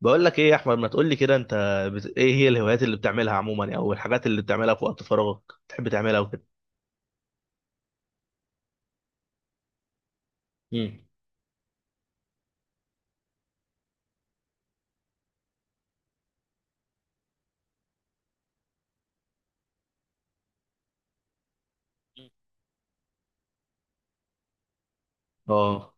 بقول لك ايه يا احمد ما تقول لي كده انت ايه هي الهوايات اللي بتعملها عموما يعني، او الحاجات اللي بتعملها في وقت فراغك بتحب تعملها وكده. مم. اه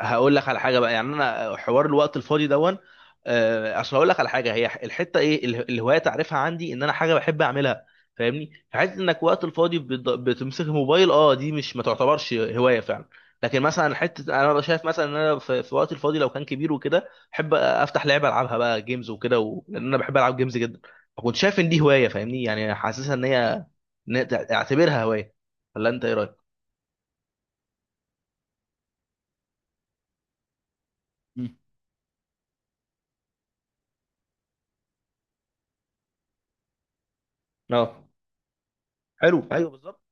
هقول لك على حاجه بقى يعني انا حوار الوقت الفاضي دون اصل هقول لك على حاجه هي الحته ايه الهوايه تعرفها عندي ان انا حاجه بحب اعملها فاهمني فحته انك وقت الفاضي بتمسك الموبايل اه دي مش ما تعتبرش هوايه فعلا. لكن مثلا حته انا ببقى شايف مثلا ان انا في وقت الفاضي لو كان كبير وكده احب افتح لعبه العبها بقى جيمز وكده لان انا بحب العب جيمز جدا. فكنت شايف ان دي هوايه فاهمني يعني حاسسها ان هي إن هي اعتبرها هوايه، ولا انت ايه رايك؟ مم. اه حلو ايوه بالظبط.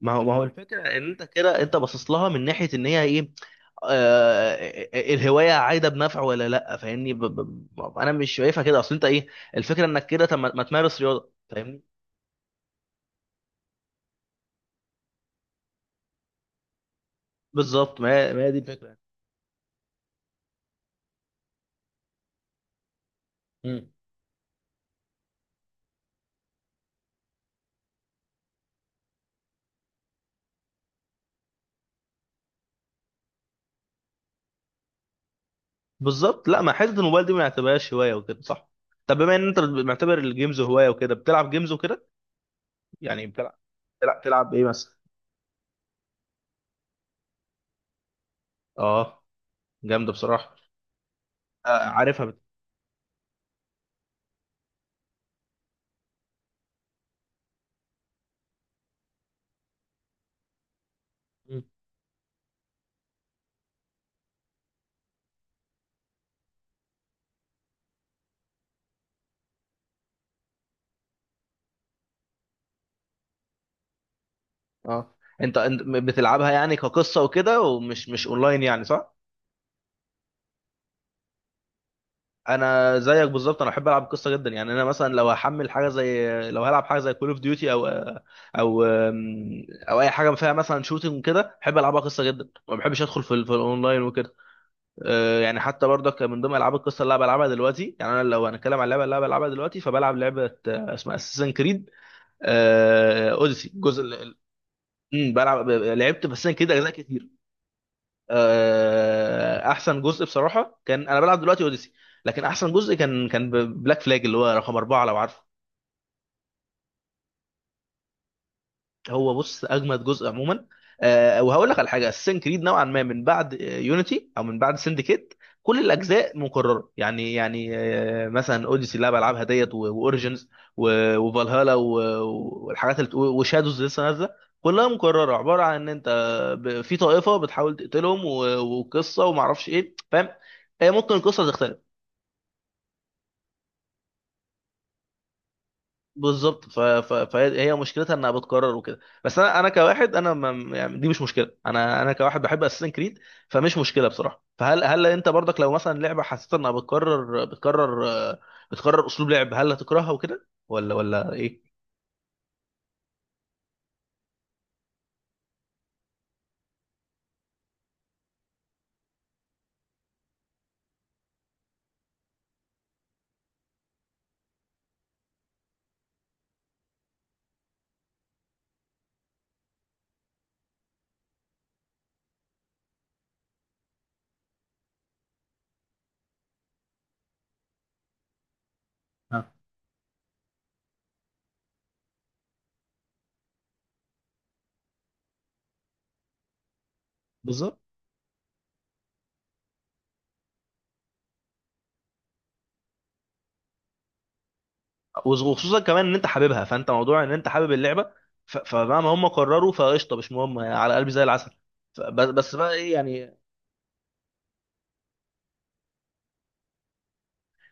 ما هو الفكره ان انت كده انت باصص لها من ناحيه ان هي ايه. آه الهوايه عايده بنفع ولا لا فاهمني انا مش شايفها كده. اصل انت ايه الفكره انك كده طب ما تمارس رياضه فاهمني. بالظبط ما هي دي الفكره. مم. بالظبط لا ما حته الموبايل دي ما نعتبرهاش هوايه وكده صح. طب بما ان انت معتبر الجيمز هوايه وكده بتلعب جيمز وكده يعني بتلعب، تلعب ايه مثلا؟ اه جامده بصراحه. آه عارفها مم. اه. انت بتلعبها يعني كقصه وكده، ومش مش اونلاين يعني صح؟ انا زيك بالظبط، انا بحب العب القصه جدا. يعني انا مثلا لو هحمل حاجه زي، لو هلعب حاجه زي كول اوف ديوتي او او اي حاجه فيها مثلا شوتنج كده بحب العبها قصه جدا، ما بحبش ادخل في في الاونلاين وكده. آه، يعني حتى برضك من ضمن العاب القصه اللي انا بلعبها دلوقتي. يعني انا لو هنتكلم عن اللعبه اللي انا بلعبها دلوقتي فبلعب لعبه اسمها اساسن كريد اوديسي الجزء مم، بلعب لعبت بس كده اجزاء كتير. آه، احسن جزء بصراحه كان، انا بلعب دلوقتي اوديسي، لكن احسن جزء كان بلاك فلاج اللي هو رقم اربعه لو عارفه. هو بص اجمد جزء عموما. آه وهقول لك على حاجه، السين كريد نوعا ما من بعد يونيتي او من بعد سندكيت كل الاجزاء مكرره. يعني آه مثلا اوديسي اللي أنا بلعبها ديت واوريجنز وفالهالا والحاجات وشادوز لسه نازله، كلها مكرره، عباره عن ان انت في طائفه بتحاول تقتلهم وقصه وما اعرفش ايه فاهم. آه، ممكن القصه تختلف. بالظبط، فهي هي مشكلتها انها بتكرر وكده، بس انا كواحد انا ما... يعني دي مش مشكله، انا كواحد بحب اساسن كريد فمش مشكله بصراحه. فهل انت برضك لو مثلا لعبه حسيت انها بتكرر، بتكرر اسلوب لعب، هل هتكرهها وكده ولا ايه؟ آه. بالظبط. وخصوصا كمان ان انت حاببها، فانت موضوع ان انت حابب اللعبه فمهما هم قرروا فقشطه مش مهم يعني، على قلبي زي العسل. بس بقى ايه يعني.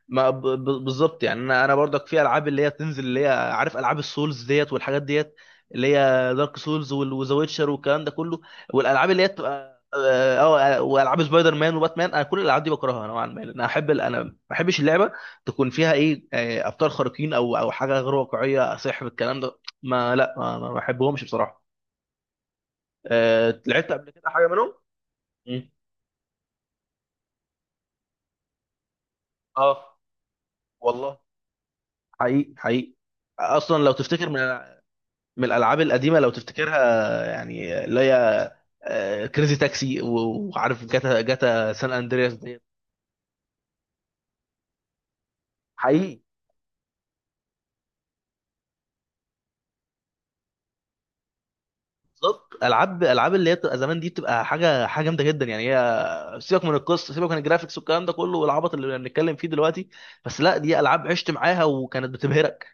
ما ب- ب- بالظبط، يعني انا برضك في العاب اللي هي بتنزل اللي هي عارف العاب السولز ديت والحاجات ديت اللي هي دارك سولز وذا ويتشر والكلام ده كله، والالعاب اللي هي بتبقى اه آه، والعاب سبايدر مان وباتمان. انا كل الالعاب دي بكرهها نوعا ما لان انا احب انا ما بحبش اللعبه تكون فيها ايه آه، ابطال خارقين او حاجه غير واقعيه، سحر الكلام ده ما لا ما ما بحبهمش بصراحه. آه، لعبت قبل كده حاجه منهم؟ مم. اه والله، حقيقي اصلا لو تفتكر من الالعاب القديمه لو تفتكرها، يعني اللي هي كريزي تاكسي، وعارف جاتا، سان اندرياس ديت. حقيقي. بالظبط، العاب اللي هي بتبقى زمان دي بتبقى حاجه، جامده جدا. يعني هي، سيبك من القصه، سيبك من الجرافيكس والكلام ده كله والعبط اللي بنتكلم فيه دلوقتي، بس لا دي العاب عشت معاها وكانت بتبهرك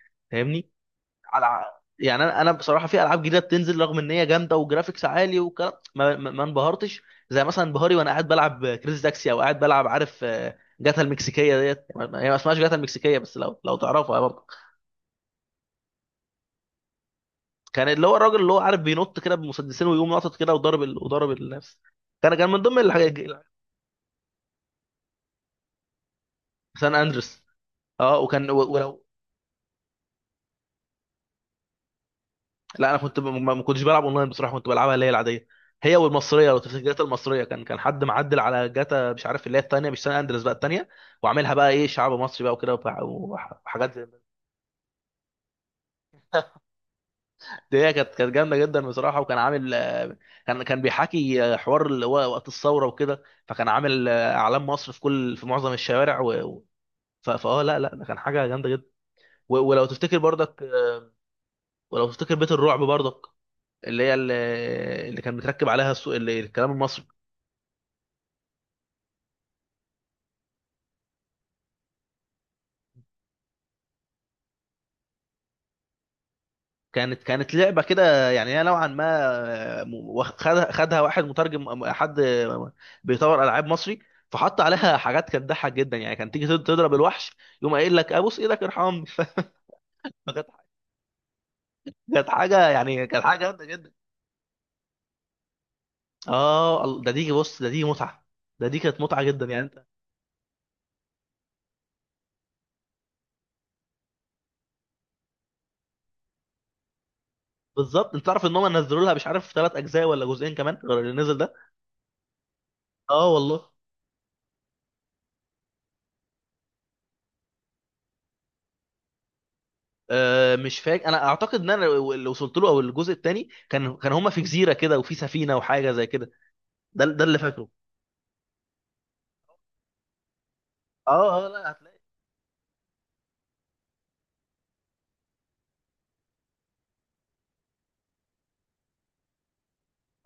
على. يعني انا بصراحه في العاب جديده بتنزل رغم ان هي جامده وجرافيكس عالي وكلام ما انبهرتش زي مثلا انبهاري وانا قاعد بلعب كريز تاكسي او قاعد بلعب عارف آه، جاتا المكسيكيه ديت. هي ما اسمهاش جاتا المكسيكيه بس لو تعرفها برضه. كان اللي هو الراجل اللي هو عارف بينط كده بمسدسين ويقوم ناطط كده وضرب وضرب الناس. كان من ضمن الحاجات. سان اندرس اه، وكان ولو لا انا كنت ما كنتش بلعب اونلاين بصراحه، كنت بلعبها اللي هي العاديه هي والمصريه. لو تفتكر جاتا المصريه، كان حد معدل على جاتا مش عارف اللي هي الثانيه، مش سان اندريس بقى الثانيه، وعاملها بقى ايه شعب مصري بقى وكده وحاجات زي دي. كانت جامده جدا بصراحه، وكان عامل آه، كان بيحكي آه، حوار اللي هو وقت الثوره وكده، فكان عامل آه، اعلام مصر في كل في معظم الشوارع فاه لا لا ده كان حاجه جامده جدا. ولو تفتكر برضك آه، ولو تفتكر بيت الرعب برضك، اللي هي اللي اللي كان متركب عليها اللي الكلام المصري. كانت لعبه كده يعني، هي نوعا ما آه، خدها واحد مترجم، حد بيطور العاب مصري، فحط عليها حاجات كانت تضحك جدا، يعني كان تيجي تضرب الوحش يقوم قايل لك ابوس ايدك ارحمني. فكانت حاجه، يعني كانت حاجه جامده جدا. اه ده دي بص، ده دي متعه، ده دي كانت متعه جدا يعني انت. بالظبط، انت تعرف ان هم نزلوا لها مش عارف ثلاث اجزاء ولا جزئين كمان غير اللي نزل ده. اه والله. آه، مش فاكر، انا اعتقد ان انا اللي وصلت له، او الجزء الثاني كان هما في جزيره كده وفي سفينه وحاجه زي كده، ده اللي فاكره. اه لا هتلاقي.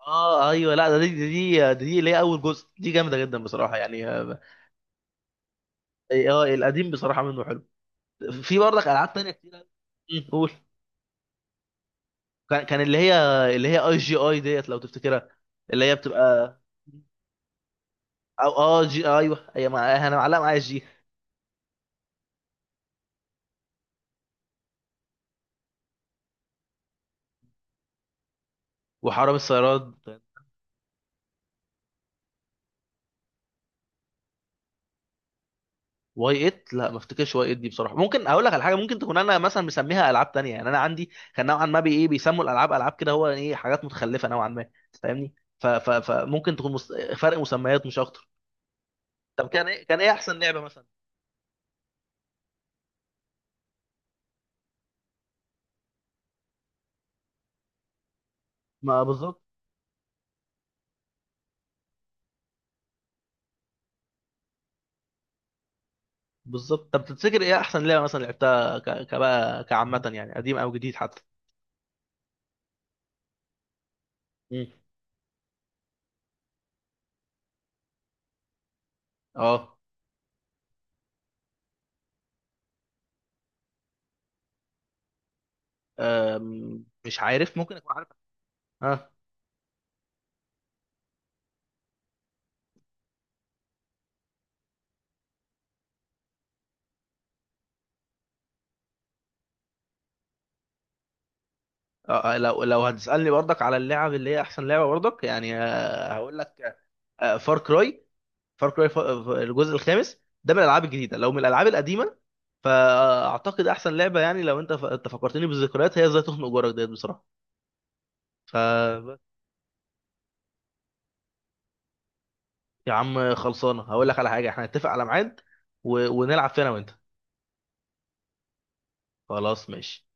اه ايوه، لا ده دي دي اللي هي اول جزء دي جامده جدا بصراحه يعني اه. آه، القديم بصراحه منه حلو. في برضك العاب تانية كتير أوي. مم، قول. كان اللي هي اللي هي اي جي اي ديت لو تفتكرها، اللي هي بتبقى. او اه جي ايوه، هي انا معلقه معايا جي. وحرامي السيارات. واي 8. لا ما افتكرش واي 8 دي بصراحه، ممكن اقول لك على حاجه ممكن تكون انا مثلا مسميها العاب تانية. يعني انا عندي كان نوعا ما بي ايه بيسموا الالعاب العاب كده هو ايه حاجات متخلفه نوعا ما فاهمني. فممكن تكون فرق مسميات مش اكتر. طب كان ايه، احسن لعبه مثلا؟ ما بالظبط. بالظبط، طب تفتكر ايه احسن لعبه مثلا لعبتها كبقى كعامه يعني، قديم او جديد حتى؟ مم. اه. أم، مش عارف، ممكن اكون عارف. اه آه، لو هتسالني برضك على اللعب اللي هي احسن لعبه برضك يعني آه، هقول لك فار كراي. فار كراي الجزء الخامس ده من الالعاب الجديده، لو من الالعاب القديمه فاعتقد احسن لعبه يعني لو انت انت فكرتني بالذكريات هي ازاي تخنق جارك ديت بصراحه ف. يا عم خلصانه، هقول لك على حاجه، احنا نتفق على ميعاد ونلعب فينا وانت. خلاص ماشي.